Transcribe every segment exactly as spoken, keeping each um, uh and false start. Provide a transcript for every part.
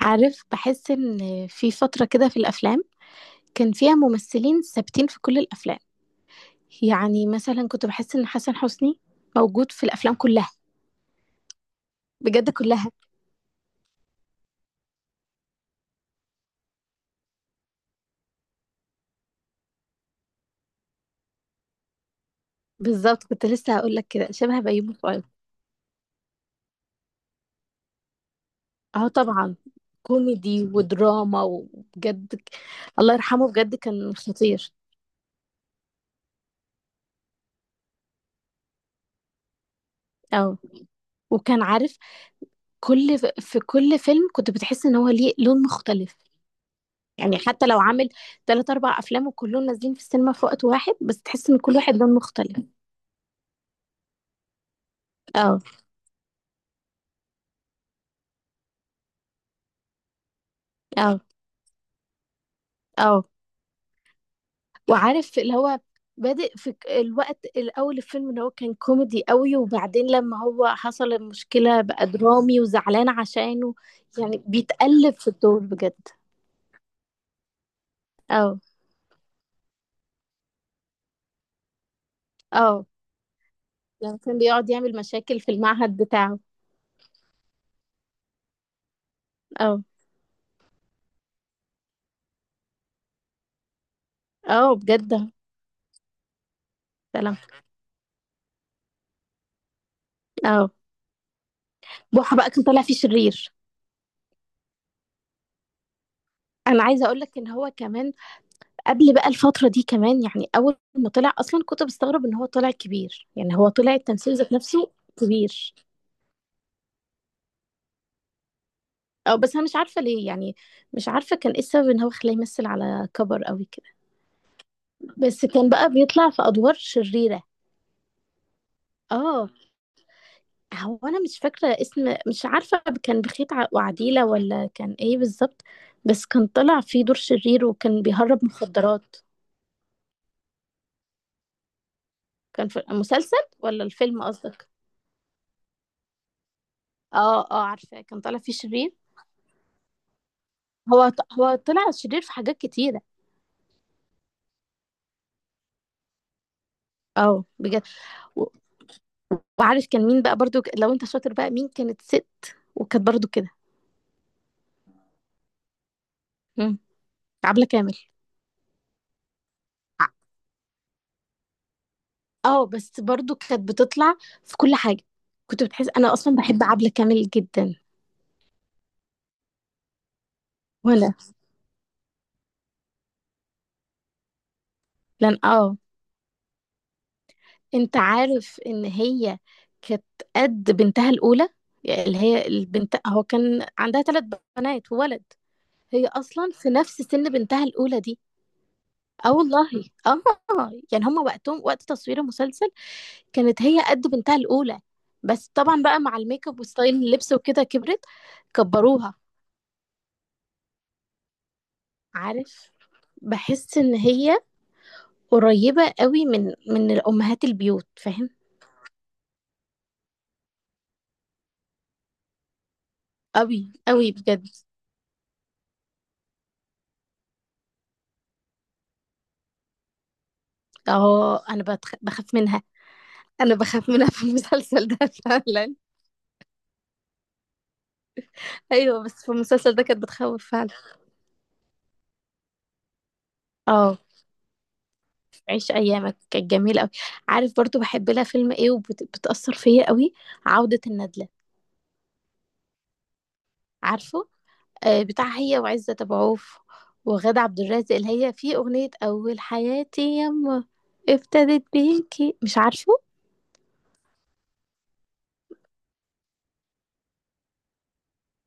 عارف، بحس ان في فترة كده في الافلام كان فيها ممثلين ثابتين في كل الافلام. يعني مثلا كنت بحس ان حسن حسني موجود في الافلام كلها، بجد كلها. بالظبط كنت لسه هقول لك كده شبه بيومي فؤاد. اه طبعا، كوميدي ودراما وبجد ك- الله يرحمه، بجد كان خطير. اه وكان عارف كل في كل فيلم كنت بتحس ان هو ليه لون مختلف. يعني حتى لو عامل تلات أربع أفلام وكلهم نازلين في السينما في وقت واحد، بس تحس إن كل واحد لون مختلف. اه اه اه وعارف اللي هو بادئ في ك- الوقت الأول، الفيلم اللي هو كان كوميدي قوي وبعدين لما هو حصل المشكلة بقى درامي وزعلان عشانه. يعني بيتقلب في الدور بجد. اه اه لما كان بيقعد يعمل مشاكل في المعهد بتاعه. اه اه بجد. سلام. اه، بوحة بقى كان طالع فيه شرير. انا عايزه اقول لك ان هو كمان قبل بقى الفترة دي كمان، يعني أول ما طلع أصلا كنت بستغرب إن هو طلع كبير، يعني هو طلع التمثيل ذات نفسه كبير. أو بس أنا مش عارفة ليه، يعني مش عارفة كان إيه السبب إن هو خلاه يمثل على كبر أوي كده. بس كان بقى بيطلع في أدوار شريرة. آه، هو أنا مش فاكرة اسم، مش عارفة كان بخيت ع- وعديلة ولا كان إيه بالظبط. بس كان طلع في دور شرير وكان بيهرب مخدرات. كان في المسلسل ولا الفيلم قصدك؟ آه آه، عارفة كان طالع فيه شرير. هو هو طلع شرير في حاجات كتيرة. اه بجد. و- وعارف كان مين بقى برضو ك- لو انت شاطر بقى مين كانت ست وكانت برضو كده. مم. عبلة كامل. ع- اه بس برضو كانت بتطلع في كل حاجة. كنت بتحس انا اصلا بحب عبلة كامل جدا. وانا لان اه، انت عارف ان هي كانت قد بنتها الاولى، يعني اللي هي البنت. هو كان عندها ثلاث بنات وولد. هي اصلا في نفس سن بنتها الاولى دي. اه والله. اه يعني هما وقتهم وقت تصوير المسلسل كانت هي قد بنتها الاولى، بس طبعا بقى مع الميك اب وستايل اللبس وكده كبرت، كبروها. عارف، بحس ان هي قريبة قوي من من الامهات البيوت فاهم؟ قوي قوي بجد. اه انا بتخ... بخاف منها. انا بخاف منها في المسلسل ده فعلا. ايوه، بس في المسلسل ده كانت بتخوف فعلا. اه، عيش ايامك كانت جميله قوي. عارف برضو بحب لها فيلم ايه وبتاثر فيا قوي؟ عوده الندله. عارفه؟ آه بتاع هي وعزت ابو عوف وغادة عبد الرازق، اللي هي في اغنيه اول حياتي يما ابتدت بيكي، مش عارفه.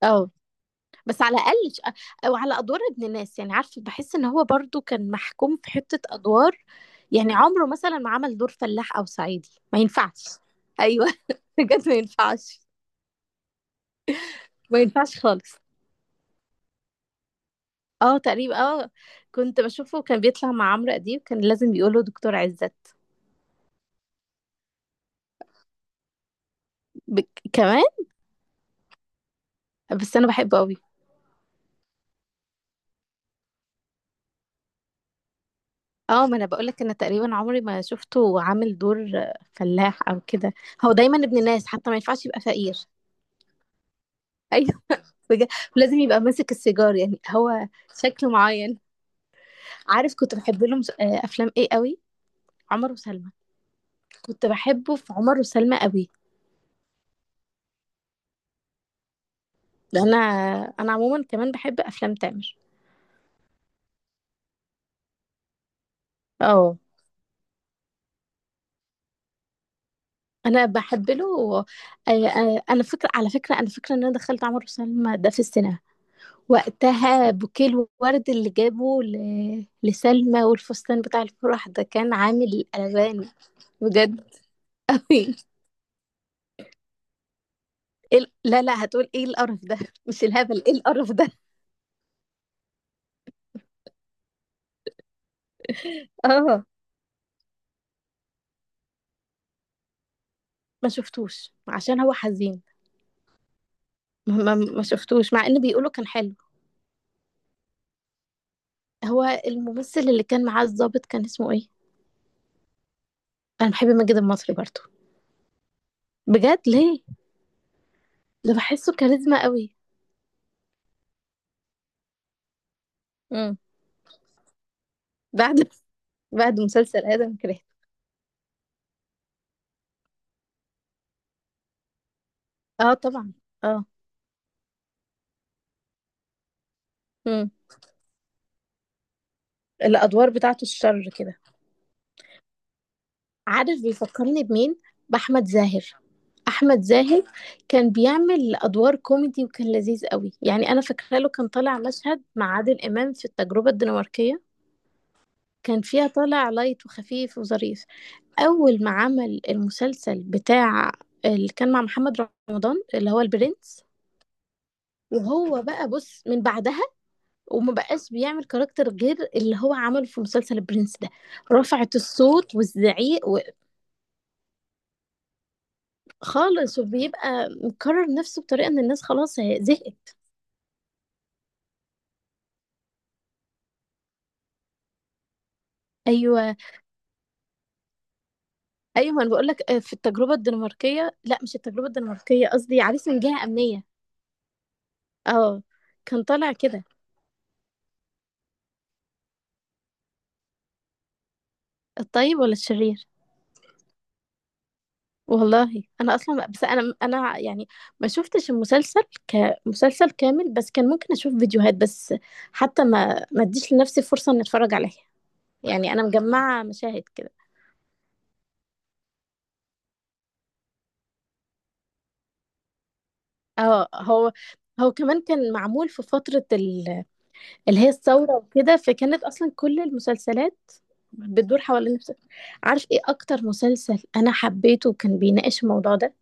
اه بس على الاقل ش- او على ادوار ابن الناس، يعني عارفه بحس ان هو برضو كان محكوم في حته ادوار. يعني عمره مثلا ما عمل دور فلاح او صعيدي، ما ينفعش. ايوه بجد ما ينفعش. ما ينفعش خالص. اه تقريبا، اه كنت بشوفه كان بيطلع مع عمرو اديب، كان لازم يقوله دكتور عزت. ب... كمان. بس انا بحبه قوي. اه، ما انا بقول لك، انا تقريبا عمري ما شفته عامل دور فلاح او كده. هو دايما ابن الناس، حتى ما ينفعش يبقى فقير ايوه بجد، ولازم يبقى ماسك السيجار، يعني هو شكله معين. عارف كنت بحب لهم س- آه، افلام ايه قوي؟ عمر وسلمى. كنت بحبه في عمر وسلمى قوي. ده انا انا عموما كمان بحب افلام تامر. اه انا بحب له. آه، آه، انا فكره، على فكره انا فكره ان انا دخلت عمر وسلمى ده في السينما وقتها. بوكيه الورد اللي جابه ل... لسلمى والفستان بتاع الفرح ده كان عامل قلبان بجد، قوي. لا لا، هتقول ايه القرف ده. مش الهبل، ايه القرف ده. اه، ما شفتوش عشان هو حزين. ما, ما, ما شفتوش مع ان بيقولوا كان حلو. هو الممثل اللي كان معاه الضابط كان اسمه ايه؟ انا بحب ماجد المصري برضه. بجد ليه؟ ده بحسه كاريزما قوي. بعد بعد مسلسل آدم كرهته. اه طبعا، اه. امم، الأدوار بتاعته الشر كده. عارف بيفكرني بمين؟ بأحمد زاهر. أحمد زاهر كان بيعمل أدوار كوميدي وكان لذيذ قوي. يعني أنا فاكرة له كان طالع مشهد مع عادل إمام في التجربة الدنماركية، كان فيها طالع لايت وخفيف وظريف. أول ما عمل المسلسل بتاع اللي كان مع محمد رمضان، اللي هو البرنس، وهو بقى بص من بعدها وما بقاش بيعمل كاركتر غير اللي هو عمله في مسلسل البرنس ده. رفعت الصوت والزعيق خالص، وبيبقى مكرر نفسه بطريقه ان الناس خلاص زهقت. ايوه ايوه، ما انا بقول لك آه، في التجربه الدنماركيه، لا مش التجربه الدنماركيه، قصدي عريس من جهه امنيه. اه كان طالع كده. الطيب ولا الشرير؟ والله انا اصلا، بس انا انا يعني ما شفتش المسلسل كمسلسل كامل، بس كان ممكن اشوف فيديوهات بس. حتى ما ما اديش لنفسي فرصه ان اتفرج عليه. يعني انا مجمعه مشاهد كده. اه، هو هو كمان كان معمول في فتره ال- اللي هي الثوره وكده، فكانت اصلا كل المسلسلات بتدور حوالين نفس. عارف ايه اكتر مسلسل انا حبيته وكان بيناقش الموضوع ده؟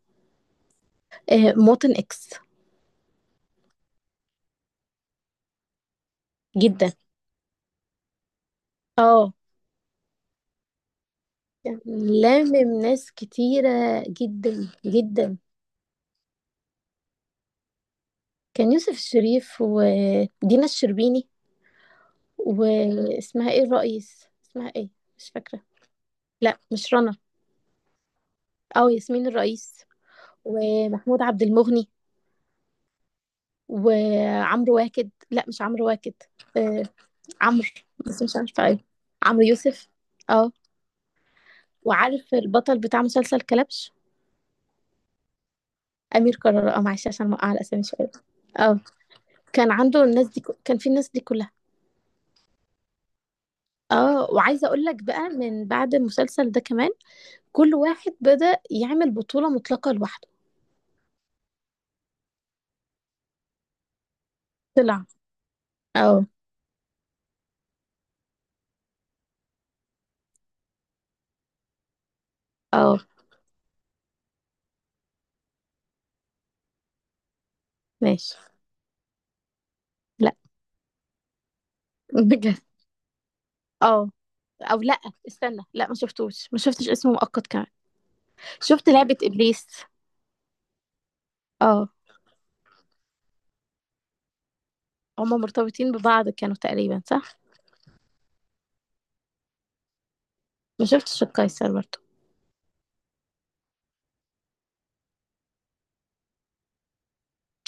آه، موطن اكس. جدا. اه كان لامم ناس كتيره جدا جدا. كان يوسف الشريف ودينا الشربيني، واسمها ايه الرئيس اسمها ايه، مش فاكره. لا مش رنا، اه ياسمين الرئيس. ومحمود عبد المغني. وعمرو واكد، لا مش عمرو واكد، آه عمرو، بس مش عارفه ايه. عمرو يوسف. اه. وعارف البطل بتاع مسلسل كلبش؟ امير قرار، اه معلش عشان موقع على اسامي شويه. اه، كان عنده الناس دي ك- كان في الناس دي كلها. اه، وعايزه اقول لك بقى من بعد المسلسل ده كمان، كل واحد بدأ يعمل بطوله مطلقه لوحده. طلع. اه اه ماشي. لا بجد. اه. او لا. استنى، لا ما شفتوش، ما شفتش اسمه مؤقت كمان. شفت لعبة إبليس. اه. هما مرتبطين ببعض كانوا تقريبا، صح؟ ما شفتش القيصر برضه.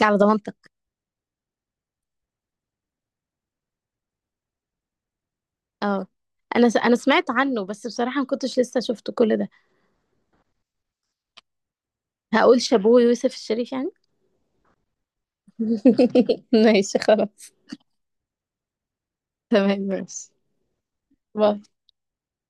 على ضمانتك. اه، انا س... انا سمعت عنه بس بصراحة ما كنتش لسه شفت كل ده. هقول شابوه يوسف الشريف يعني. ماشي خلاص. تمام ماشي. باي.